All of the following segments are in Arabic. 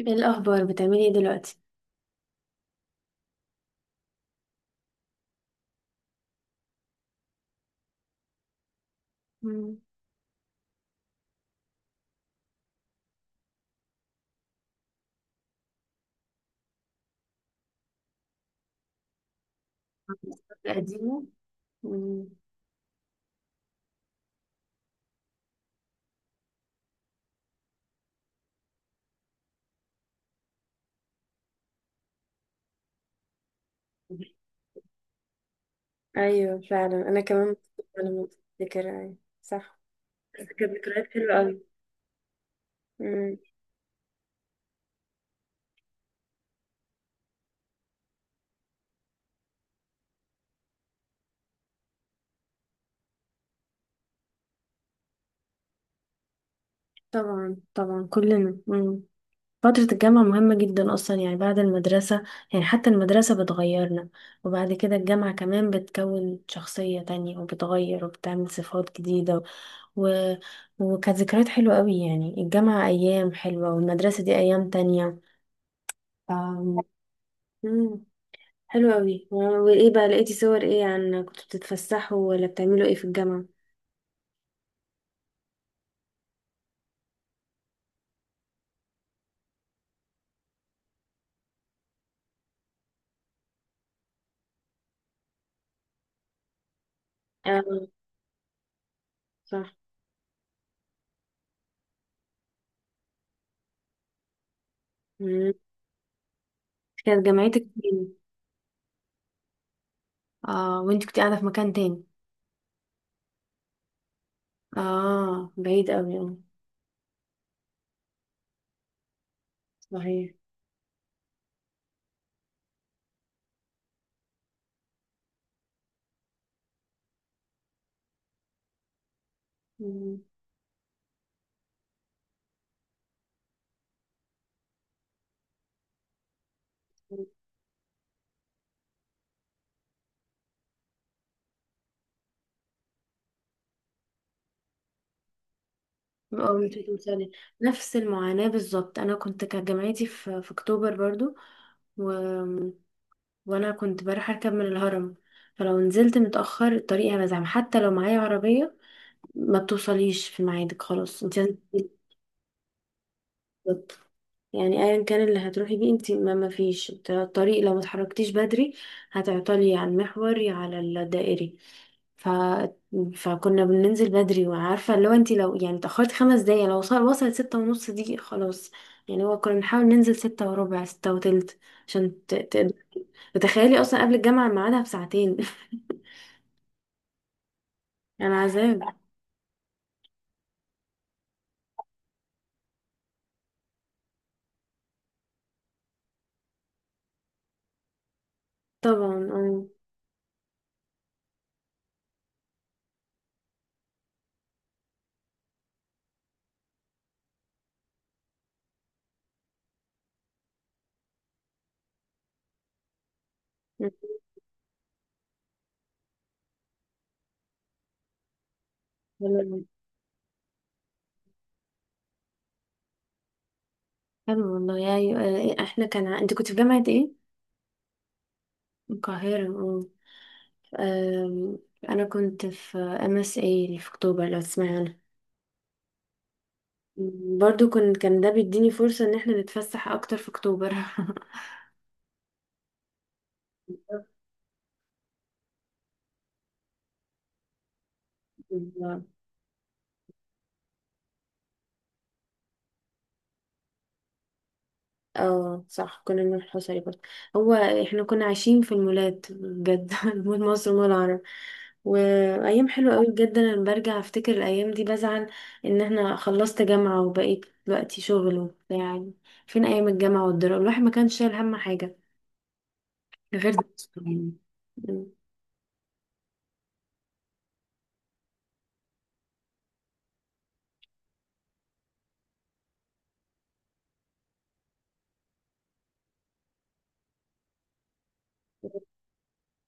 ايه الاخبار، بتعملي ايه دلوقتي؟ مم. قديمة. مم. ايوه فعلا، انا كمان. انا متذكرة، ايوه، صح. بس كانت ذكريات حلوة قوي. مم. طبعا طبعا، كلنا. مم. فترة الجامعة مهمة جدا أصلا، يعني بعد المدرسة. يعني حتى المدرسة بتغيرنا، وبعد كده الجامعة كمان بتكون شخصية تانية وبتغير وبتعمل صفات جديدة. و... وكانت ذكريات حلوة قوي، يعني الجامعة أيام حلوة والمدرسة دي أيام تانية. مم. حلو قوي. وايه بقى، لقيتي صور ايه؟ عن كنتوا بتتفسحوا ولا بتعملوا ايه في الجامعة؟ اه، صح. مم. كانت جامعتك فين؟ اه، وانت كنت قاعدة في مكان تاني؟ اه بعيد قوي، اه. صحيح. مم. اه مش هتوصلي. نفس المعاناة بالظبط، انا كانت جامعتي في اكتوبر برضو. و... وانا كنت بروح اركب من الهرم. فلو نزلت متأخر الطريق هبقى زحمة، حتى لو معايا عربية ما بتوصليش في ميعادك. خلاص، انت لازم تنزلي. يعني ايا كان اللي هتروحي بيه انت، ما فيش الطريق، لو ما اتحركتيش بدري هتعطلي على المحوري، على الدائري. ف... فكنا بننزل بدري، وعارفه لو انت لو يعني اتاخرت 5 دقايق، لو وصلت 6:30 دي خلاص. يعني هو كنا بنحاول ننزل 6:15، 6:20، عشان ت... ت... تتخيلي اصلا قبل الجامعه ميعادها بساعتين يعني عذاب. طبعا، اه. حلو والله. يا ايوه، احنا كان، انت كنت في جامعه ايه؟ القاهره، آه. أم، انا كنت في MSA اللي في اكتوبر، لو تسمعي عنها. برضو كنت، ده بيديني فرصة ان احنا نتفسح اكتر في اكتوبر اه صح، كنا من الحصري برضه. هو احنا كنا عايشين في المولات بجد مول مصر ومول العرب. وايام حلوه قوي بجد، انا لما برجع افتكر الايام دي بزعل ان احنا خلصت جامعه وبقيت دلوقتي شغل وبتاع يعني. فين ايام الجامعه والدراسه، الواحد ما كانش شايل هم حاجه غير دراسته، يعني.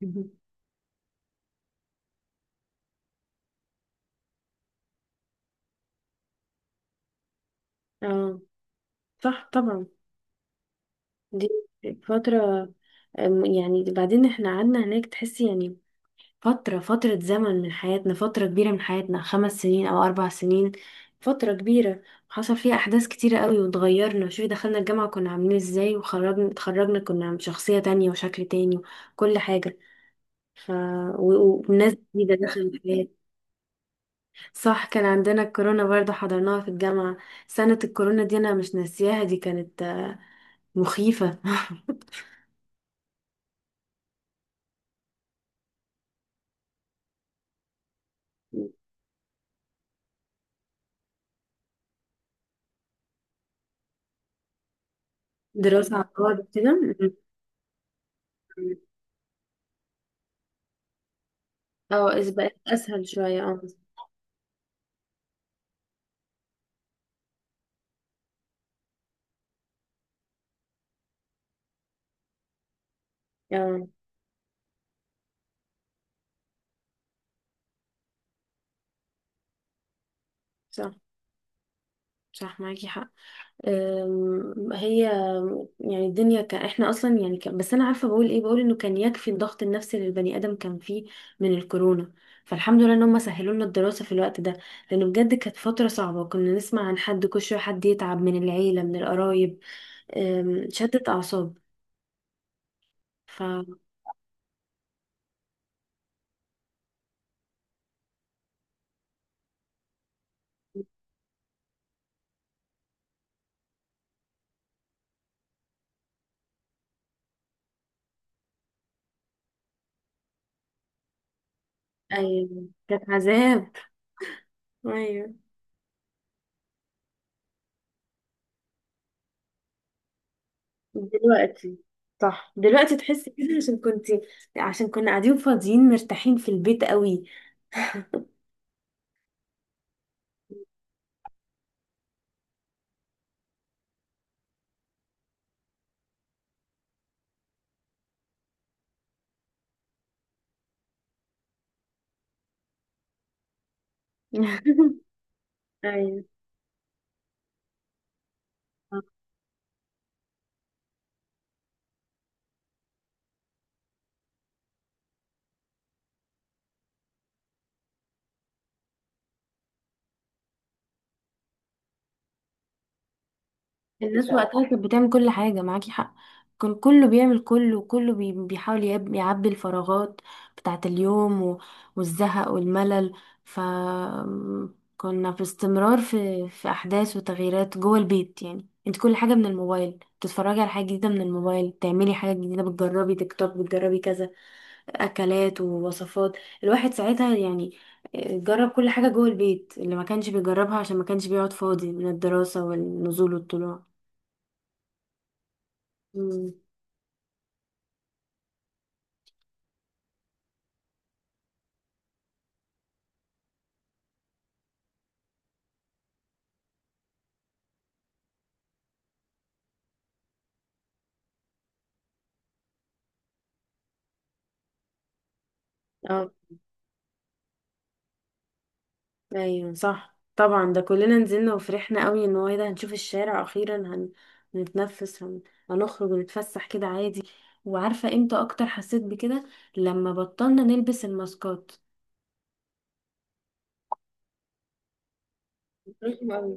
مهم. اه صح، طبعا. دي فترة. يعني بعدين احنا قعدنا هناك تحسي، يعني فترة زمن من حياتنا، فترة كبيرة من حياتنا، 5 سنين أو 4 سنين، فترة كبيرة حصل فيها أحداث كتيرة قوي واتغيرنا. شوفي، دخلنا الجامعة كنا عاملين ازاي، وخرجنا اتخرجنا كنا شخصية تانية وشكل تاني وكل حاجة. ف وناس جديدة دخلت الحياة. صح، كان عندنا الكورونا برضه، حضرناها في الجامعة. سنة الكورونا دي أنا مش ناسياها، دي كانت مخيفة. دراسة عن بعد كده، م. اه، إذ بقت أسهل شوية، اه. اه صح، صح معاكي حق. هي يعني الدنيا كان احنا اصلا يعني كان، بس انا عارفه بقول انه كان يكفي الضغط النفسي اللي البني ادم كان فيه من الكورونا. فالحمد لله ان هم سهلوا لنا الدراسه في الوقت ده، لانه بجد كانت فتره صعبه، كنا نسمع عن حد كل شويه حد يتعب من العيله، من القرايب. شدت اعصاب. ف أيوة، كانت عذاب. ايوه. دلوقتي. صح، دلوقتي تحسي كده، عشان كنا قاعدين فاضيين مرتاحين في البيت قوي. ايوه، صح. مفيش الناس أوي وقتها كانت بتعمل كل حاجة. معاكي حق، كان كله بيعمل كله، وكله بيحاول يعبي الفراغات بتاعة اليوم، والزهق والملل. ف كنا في استمرار في أحداث وتغييرات جوه البيت. يعني انت كل حاجة من الموبايل، بتتفرجي على حاجة جديدة من الموبايل، بتعملي حاجة جديدة، بتجربي تيك توك، بتجربي كذا اكلات ووصفات. الواحد ساعتها يعني، جرب كل حاجة جوه البيت اللي ما كانش بيجربها، عشان ما كانش بيقعد فاضي من الدراسة والنزول والطلوع. مم. اه ايوه، صح طبعا، ده كلنا نزلنا وفرحنا قوي ان هو ايه ده، هنشوف الشارع اخيرا، هنتنفس، هنخرج ونتفسح كده عادي. وعارفة امتى اكتر حسيت بكده، لما بطلنا نلبس الماسكات. رخم أوي.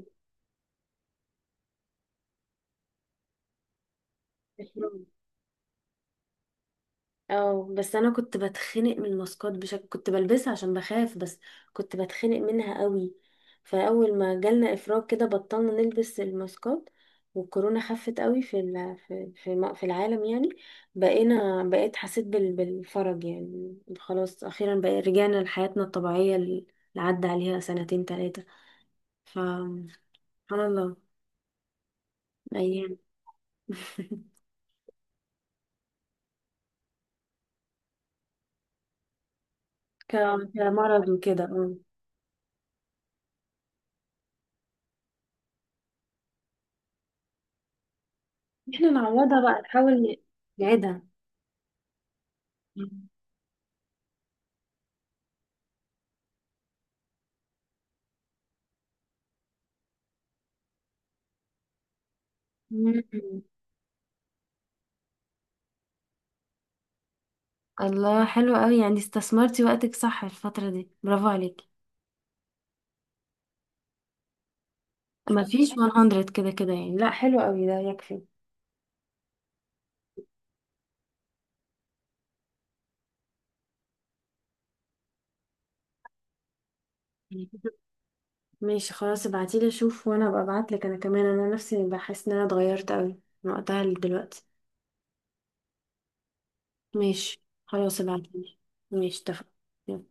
رخم. اه، بس انا كنت بتخنق من الماسكات بشكل، كنت بلبسها عشان بخاف، بس كنت بتخنق منها قوي. فاول ما جالنا افراج كده بطلنا نلبس الماسكات، والكورونا خفت قوي في في العالم، يعني. بقيت حسيت بالفرج، يعني خلاص اخيرا بقى رجعنا لحياتنا الطبيعية اللي عدى عليها سنتين، ثلاثة. فسبحان الله. ايام كمرض وكده، اه. احنا نعوضها بقى، نحاول نعيدها. مم. الله حلو قوي، يعني استثمرتي وقتك صح الفترة دي، برافو عليكي. ما فيش 100 كده كده، يعني لا، حلو قوي ده يكفي. ماشي خلاص، ابعتيلي اشوف، وانا ابقى ابعتلك انا كمان. انا نفسي بحس ان انا اتغيرت قوي من وقتها لدلوقتي. ماشي خلاص، ابعتيلي. ماشي، اتفقنا.